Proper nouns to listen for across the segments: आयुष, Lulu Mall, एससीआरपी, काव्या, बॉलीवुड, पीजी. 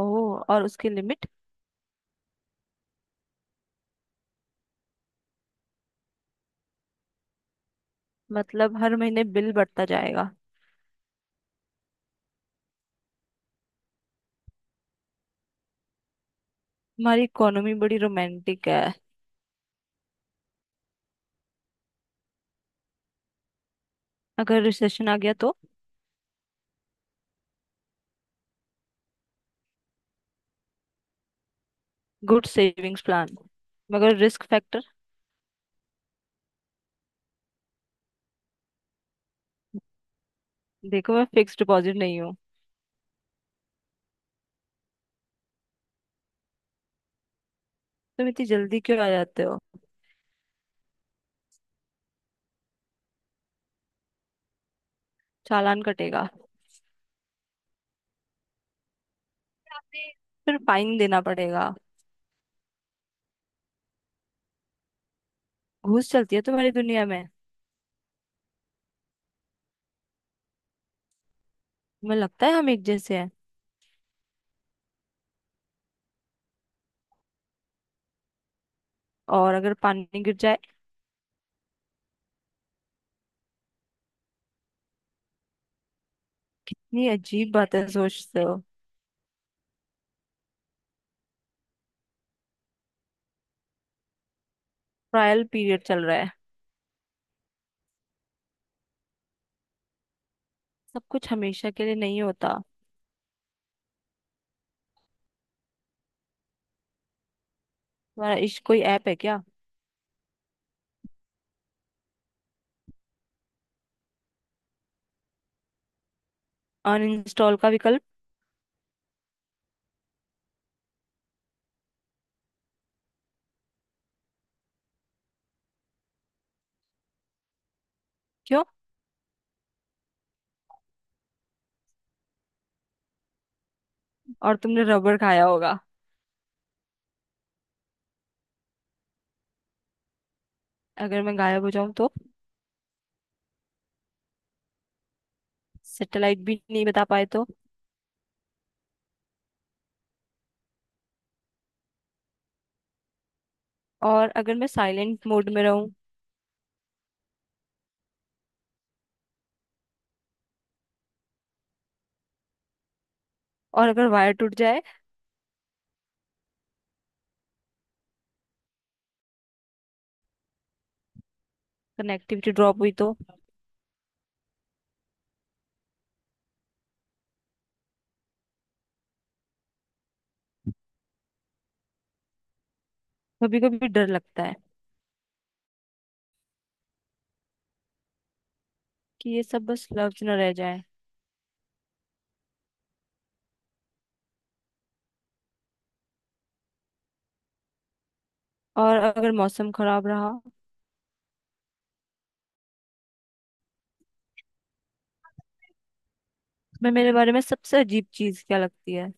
ओह, और उसकी लिमिट। मतलब हर महीने बिल बढ़ता जाएगा। हमारी इकोनॉमी बड़ी रोमांटिक है। अगर रिसेशन आ गया तो? Good savings plan. मगर रिस्क फैक्टर? देखो, मैं फिक्स डिपॉजिट नहीं हूँ। तुम इतनी जल्दी क्यों आ जाते हो? चालान कटेगा। फिर फाइन देना पड़ेगा। घूस चलती है तुम्हारी दुनिया में। तुम्हें लगता है हम एक जैसे हैं? और अगर पानी गिर जाए? ये अजीब बातें सोचते हो। ट्रायल पीरियड चल रहा है। सब कुछ हमेशा के लिए नहीं होता। तुम्हारा इश्क कोई ऐप है क्या? अनइंस्टॉल का विकल्प? क्यों? और तुमने रबर खाया होगा। अगर मैं गायब हो जाऊं तो? सैटेलाइट भी नहीं बता पाए तो? और अगर मैं साइलेंट मोड में रहूं? और अगर वायर टूट जाए? कनेक्टिविटी ड्रॉप हुई तो? कभी कभी डर लगता है। कि ये सब बस लफ्ज न रह जाए। और अगर मौसम खराब रहा? मैं मेरे बारे में सबसे अजीब चीज क्या लगती है?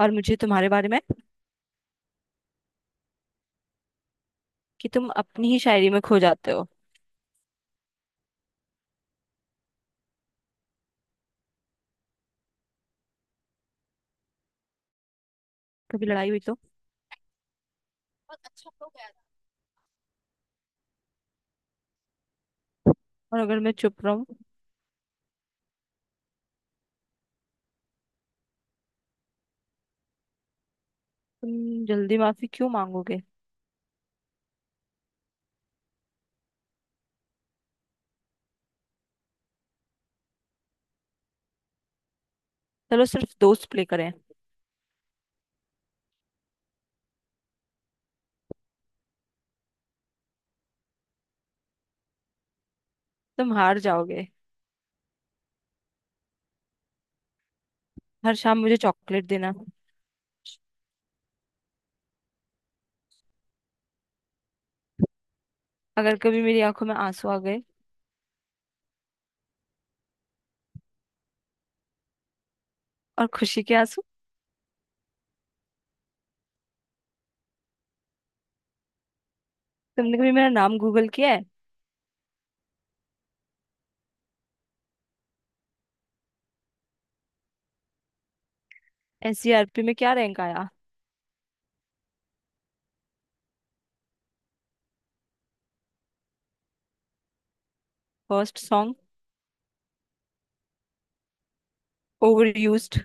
और मुझे तुम्हारे बारे में? कि तुम अपनी ही शायरी में खो जाते हो। कभी लड़ाई हुई तो? और अगर मैं चुप रहूं? तुम जल्दी माफी क्यों मांगोगे? चलो सिर्फ दोस्त प्ले करें। तुम हार जाओगे। हर शाम मुझे चॉकलेट देना। अगर कभी मेरी आंखों में आंसू आ गए? और खुशी के आंसू? तुमने कभी मेरा नाम गूगल किया है? एससीआरपी में क्या रैंक आया? First song? Over used.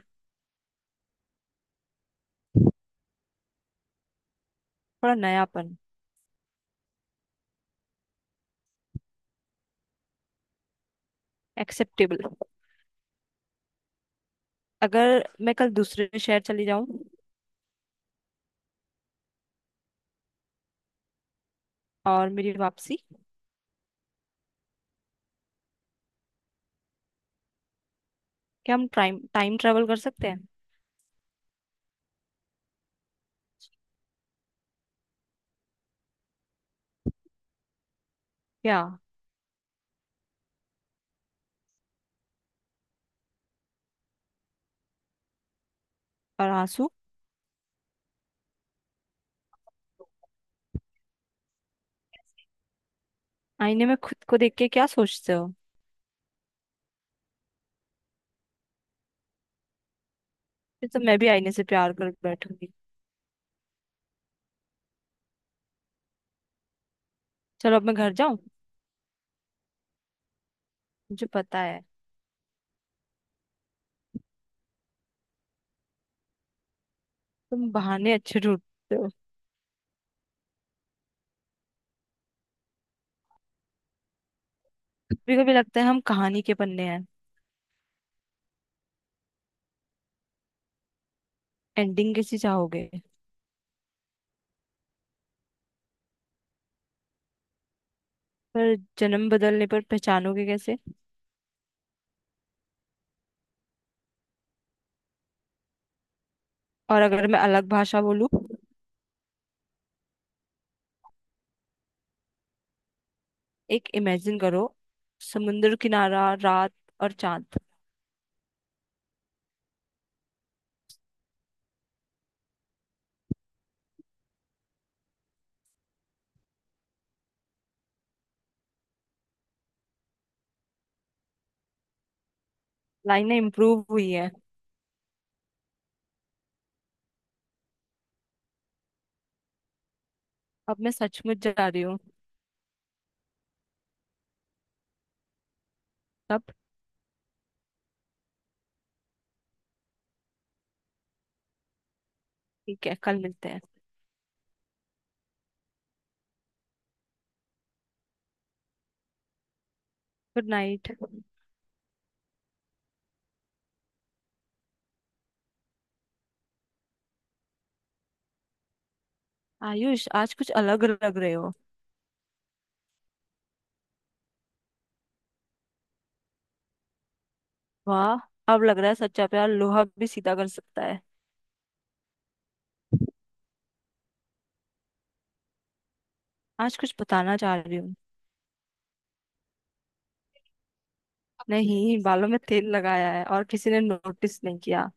थोड़ा नयापन। एक्सेप्टेबल। अगर मैं कल दूसरे शहर चली जाऊं? और मेरी वापसी? क्या हम टाइम टाइम ट्रेवल कर सकते हैं? क्या? और आंसू? आईने में खुद को देख के क्या सोचते हो? फिर तो मैं भी आईने से प्यार कर बैठूंगी। चलो अब मैं घर जाऊं। मुझे पता है। तुम बहाने अच्छे ढूंढते हो। कभी कभी लगता है हम कहानी के पन्ने हैं। एंडिंग कैसी चाहोगे? पर जन्म बदलने पर पहचानोगे कैसे? और अगर मैं अलग भाषा बोलूं? एक इमेजिन करो। समुंदर किनारा, रात और चांद। लाइनें इम्प्रूव हुई है। अब मैं सचमुच जा रही हूँ। तब? ठीक है, कल मिलते हैं। Good night. आयुष, आज कुछ अलग लग रहे हो। वाह। अब लग रहा है सच्चा प्यार लोहा भी सीधा कर सकता है। आज कुछ बताना चाह रही हूँ। नहीं, बालों में तेल लगाया है और किसी ने नोटिस नहीं किया।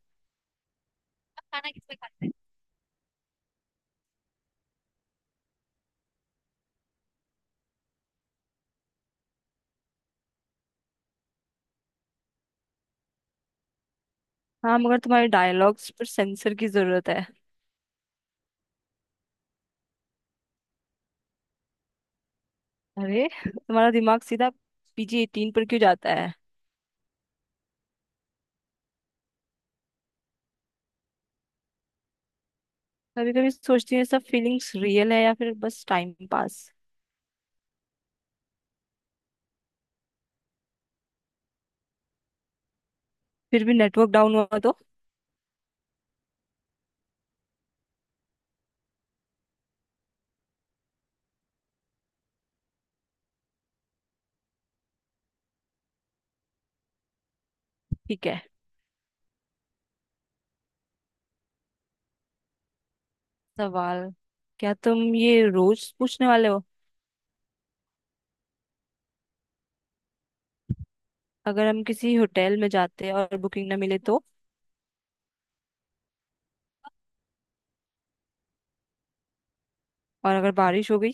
हाँ, मगर तुम्हारे डायलॉग्स पर सेंसर की जरूरत है। अरे, तुम्हारा दिमाग सीधा PG 18 पर क्यों जाता है? कभी कभी सोचती हूँ ये सब फीलिंग्स रियल है या फिर बस टाइम पास। फिर भी नेटवर्क डाउन हुआ तो? ठीक है। सवाल। क्या तुम ये रोज पूछने वाले हो? अगर हम किसी होटल में जाते हैं और बुकिंग ना मिले तो? और अगर बारिश हो गई?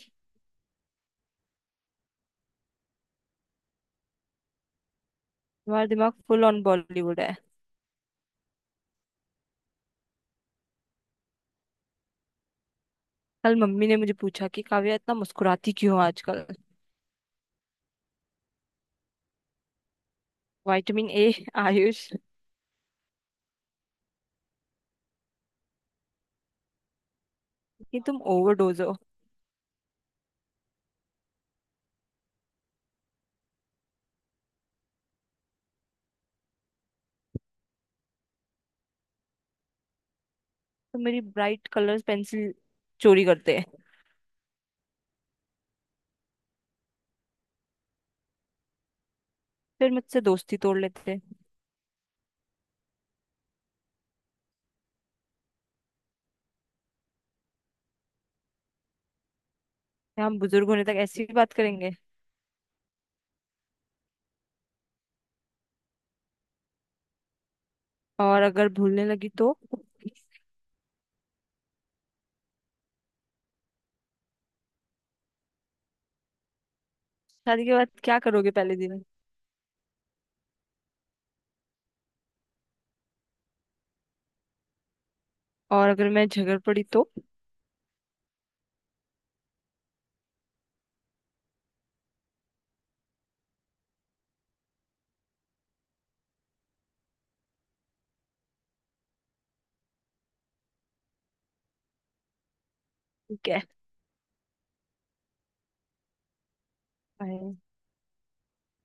तुम्हारा दिमाग फुल ऑन बॉलीवुड है। कल मम्मी ने मुझे पूछा कि काव्या इतना मुस्कुराती क्यों हो आजकल। Vitamin A। आयुष, कि तुम ओवरडोज। तो मेरी ब्राइट कलर्स पेंसिल चोरी करते हैं। फिर मुझसे दोस्ती तोड़ लेते हैं। या हम बुजुर्ग होने तक ऐसी ही बात करेंगे? और अगर भूलने लगी तो? शादी के बाद क्या करोगे पहले दिन? और अगर मैं झगड़ पड़ी तो? ठीक है। बाय।